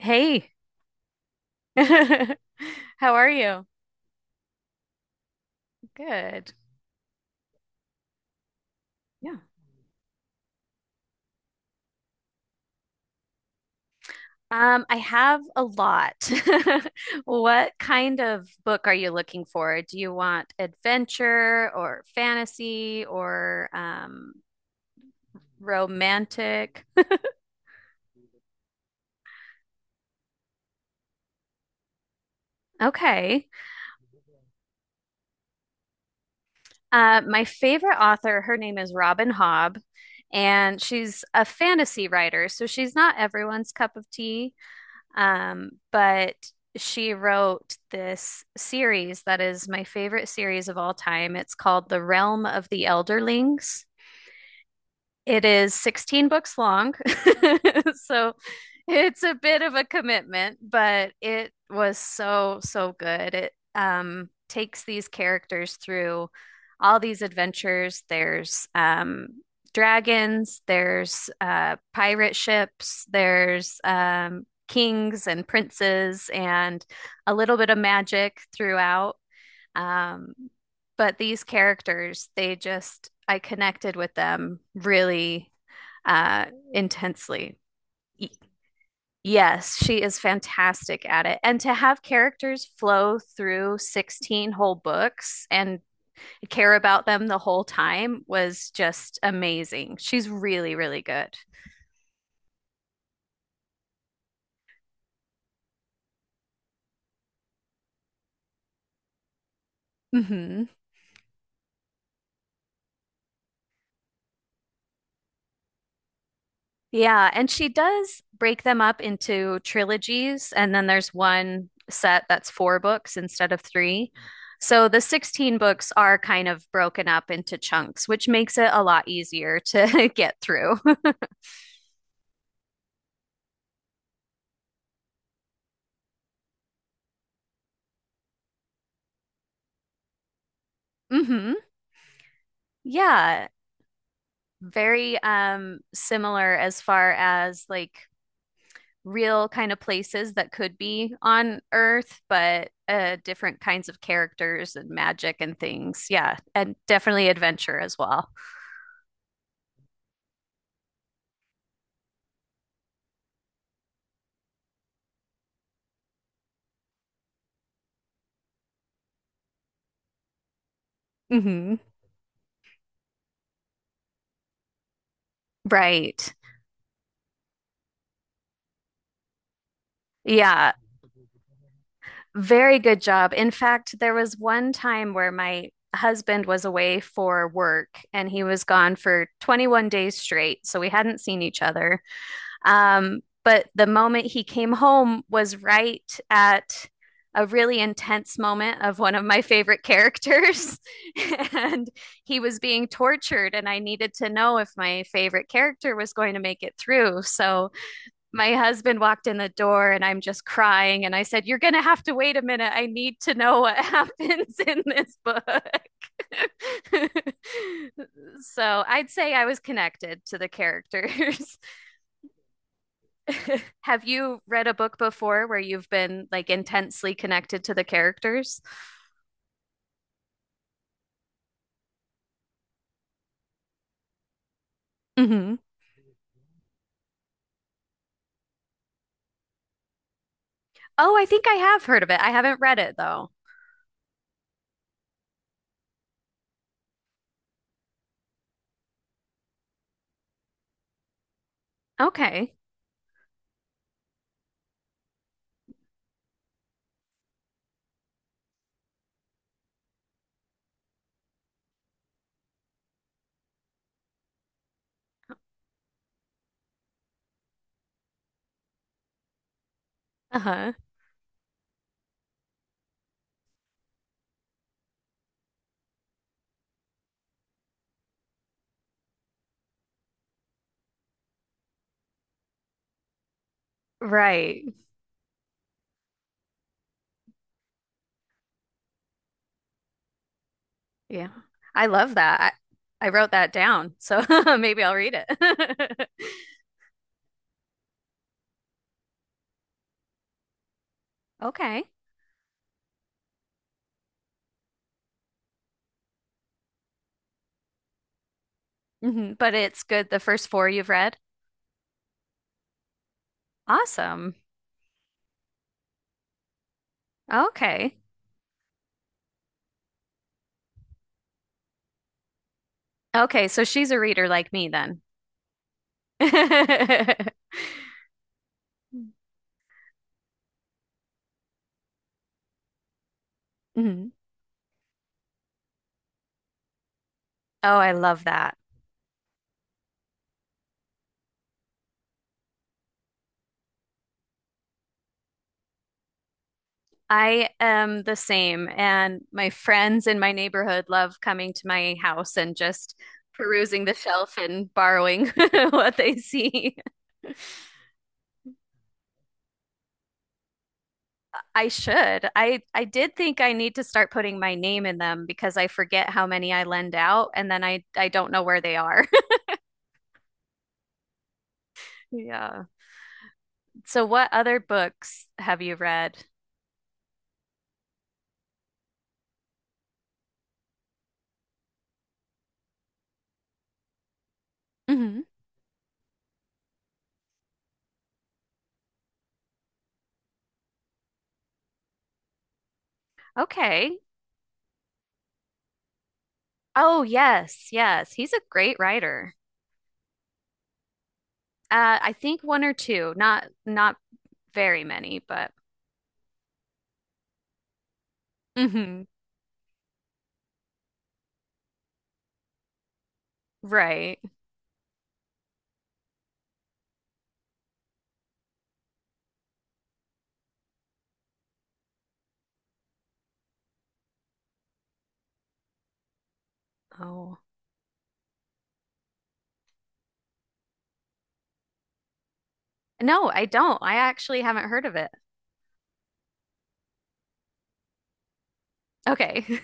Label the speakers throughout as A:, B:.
A: Hey, how are you? Good. Yeah. I have a lot. What kind of book are you looking for? Do you want adventure or fantasy or romantic? Okay. My favorite author, her name is Robin Hobb, and she's a fantasy writer, so she's not everyone's cup of tea. But she wrote this series that is my favorite series of all time. It's called The Realm of the Elderlings. It is 16 books long. So it's a bit of a commitment, but it was so, so good. It takes these characters through all these adventures. There's dragons, there's pirate ships, there's kings and princes, and a little bit of magic throughout. Um, but these characters, they just, I connected with them really uh, intensely. Yes, she is fantastic at it. And to have characters flow through 16 whole books and care about them the whole time was just amazing. She's really, really good. Hmm. Yeah, and she does break them up into trilogies, and then there's one set that's four books instead of three. So the 16 books are kind of broken up into chunks, which makes it a lot easier to get through. Hmm. Yeah, very similar as far as like real kind of places that could be on Earth, but different kinds of characters and magic and things. Yeah, and definitely adventure as well. Hmm. Right. Yeah. Very good job. In fact, there was one time where my husband was away for work and he was gone for 21 days straight. So we hadn't seen each other. But the moment he came home was right at a really intense moment of one of my favorite characters. And he was being tortured, and I needed to know if my favorite character was going to make it through. So my husband walked in the door and I'm just crying. And I said, "You're going to have to wait a minute. I need to know what happens in this book." So I'd say I was connected to the characters. Have you read a book before where you've been like intensely connected to the characters? Hmm. Oh, I think I have heard of it. I haven't read it though. Okay. Uh-huh. Right. Yeah. I love that. I wrote that down. So maybe I'll read it. Okay. Hmm. But it's good. The first four you've read? Awesome. Okay. Okay. So she's a reader like me then. Mhm. Oh, I love that. I am the same. And my friends in my neighborhood love coming to my house and just perusing the shelf and borrowing what they see. I should. I did think I need to start putting my name in them because I forget how many I lend out and then I don't know where they are. Yeah. So, what other books have you read? Hmm. Okay. Oh, yes, yes. He's a great writer. I think one or two, not very many, but hmm right. Oh. No, I don't. I actually haven't heard of it. Okay.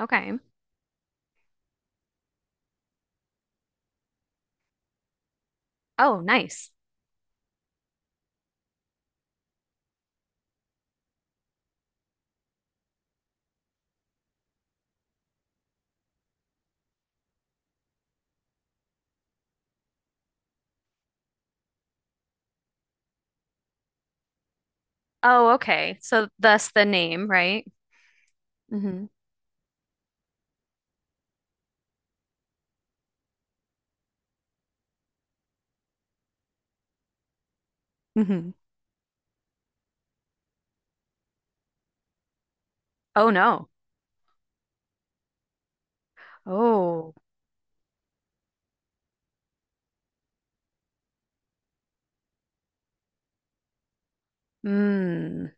A: Okay. Oh, nice. Oh, okay. So thus the name, right? Hmm. Hmm. Oh no. Oh. Mm.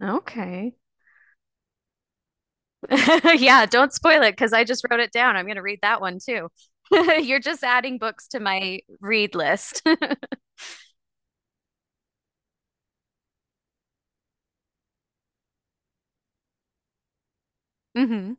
A: Okay. Yeah, don't spoil it because I just wrote it down. I'm going to read that one too. You're just adding books to my read list. Hmm.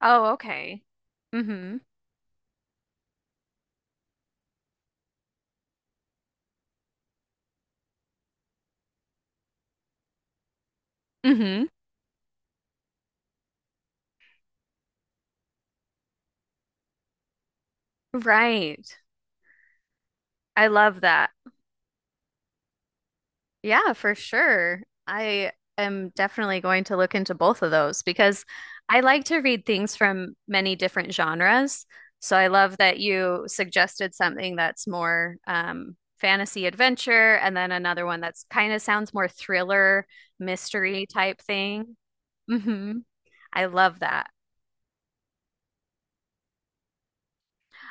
A: Oh, okay. Hmm. Hmm. Right. I love that. Yeah, for sure. I am definitely going to look into both of those because I like to read things from many different genres. So I love that you suggested something that's more fantasy adventure and then another one that's kind of sounds more thriller, mystery type thing. Hmm. I love that.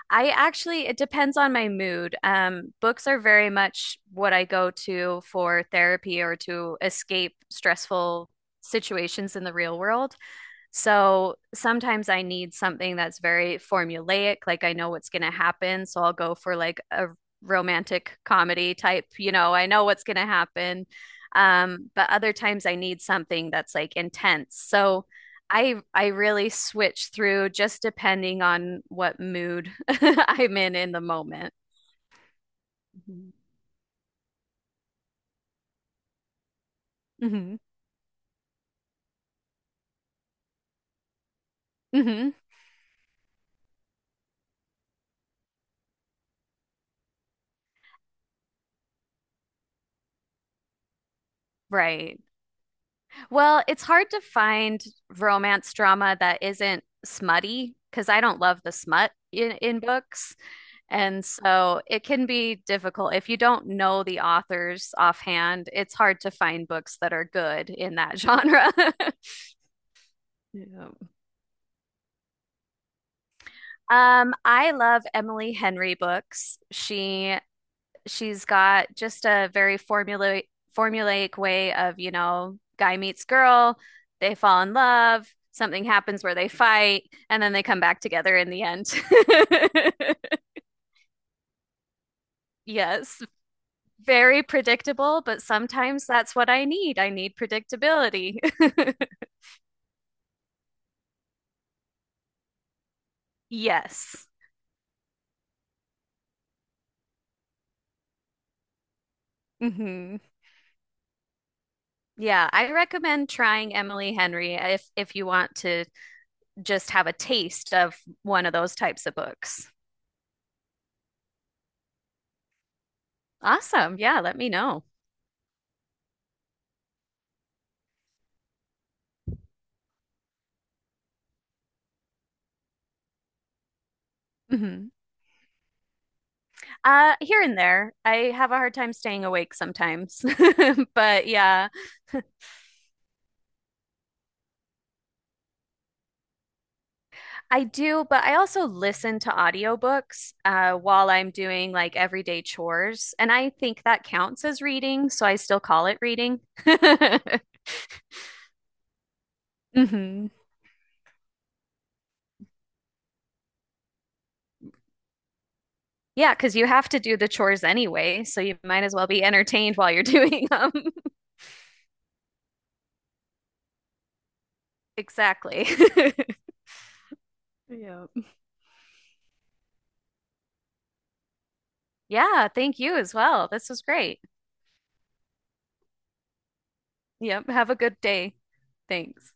A: I actually, it depends on my mood. Books are very much what I go to for therapy or to escape stressful situations in the real world. So sometimes I need something that's very formulaic, like I know what's going to happen. So I'll go for like a romantic comedy type, you know, I know what's going to happen. But other times I need something that's like intense. So I really switch through just depending on what mood I'm in the moment. Mhm. Mhm. Mhm. Right. Well, it's hard to find romance drama that isn't smutty because I don't love the smut in books. And so it can be difficult. If you don't know the authors offhand, it's hard to find books that are good in that genre. Yeah. I love Emily Henry books. She's got just a very formulaic way of, you know, guy meets girl, they fall in love, something happens where they fight, and then they come back together in the end. Yes, very predictable, but sometimes that's what I need. I need predictability. Yes. Hmm. Yeah, I recommend trying Emily Henry if you want to just have a taste of one of those types of books. Awesome. Yeah, let me know. Mhm. Here and there. I have a hard time staying awake sometimes. But yeah, I do, but I also listen to audiobooks while I'm doing like everyday chores, and I think that counts as reading, so I still call it reading. Hmm. Yeah, because you have to do the chores anyway, so you might as well be entertained while you're doing them. Exactly. Yep. Yeah, thank you as well. This was great. Yep, have a good day. Thanks.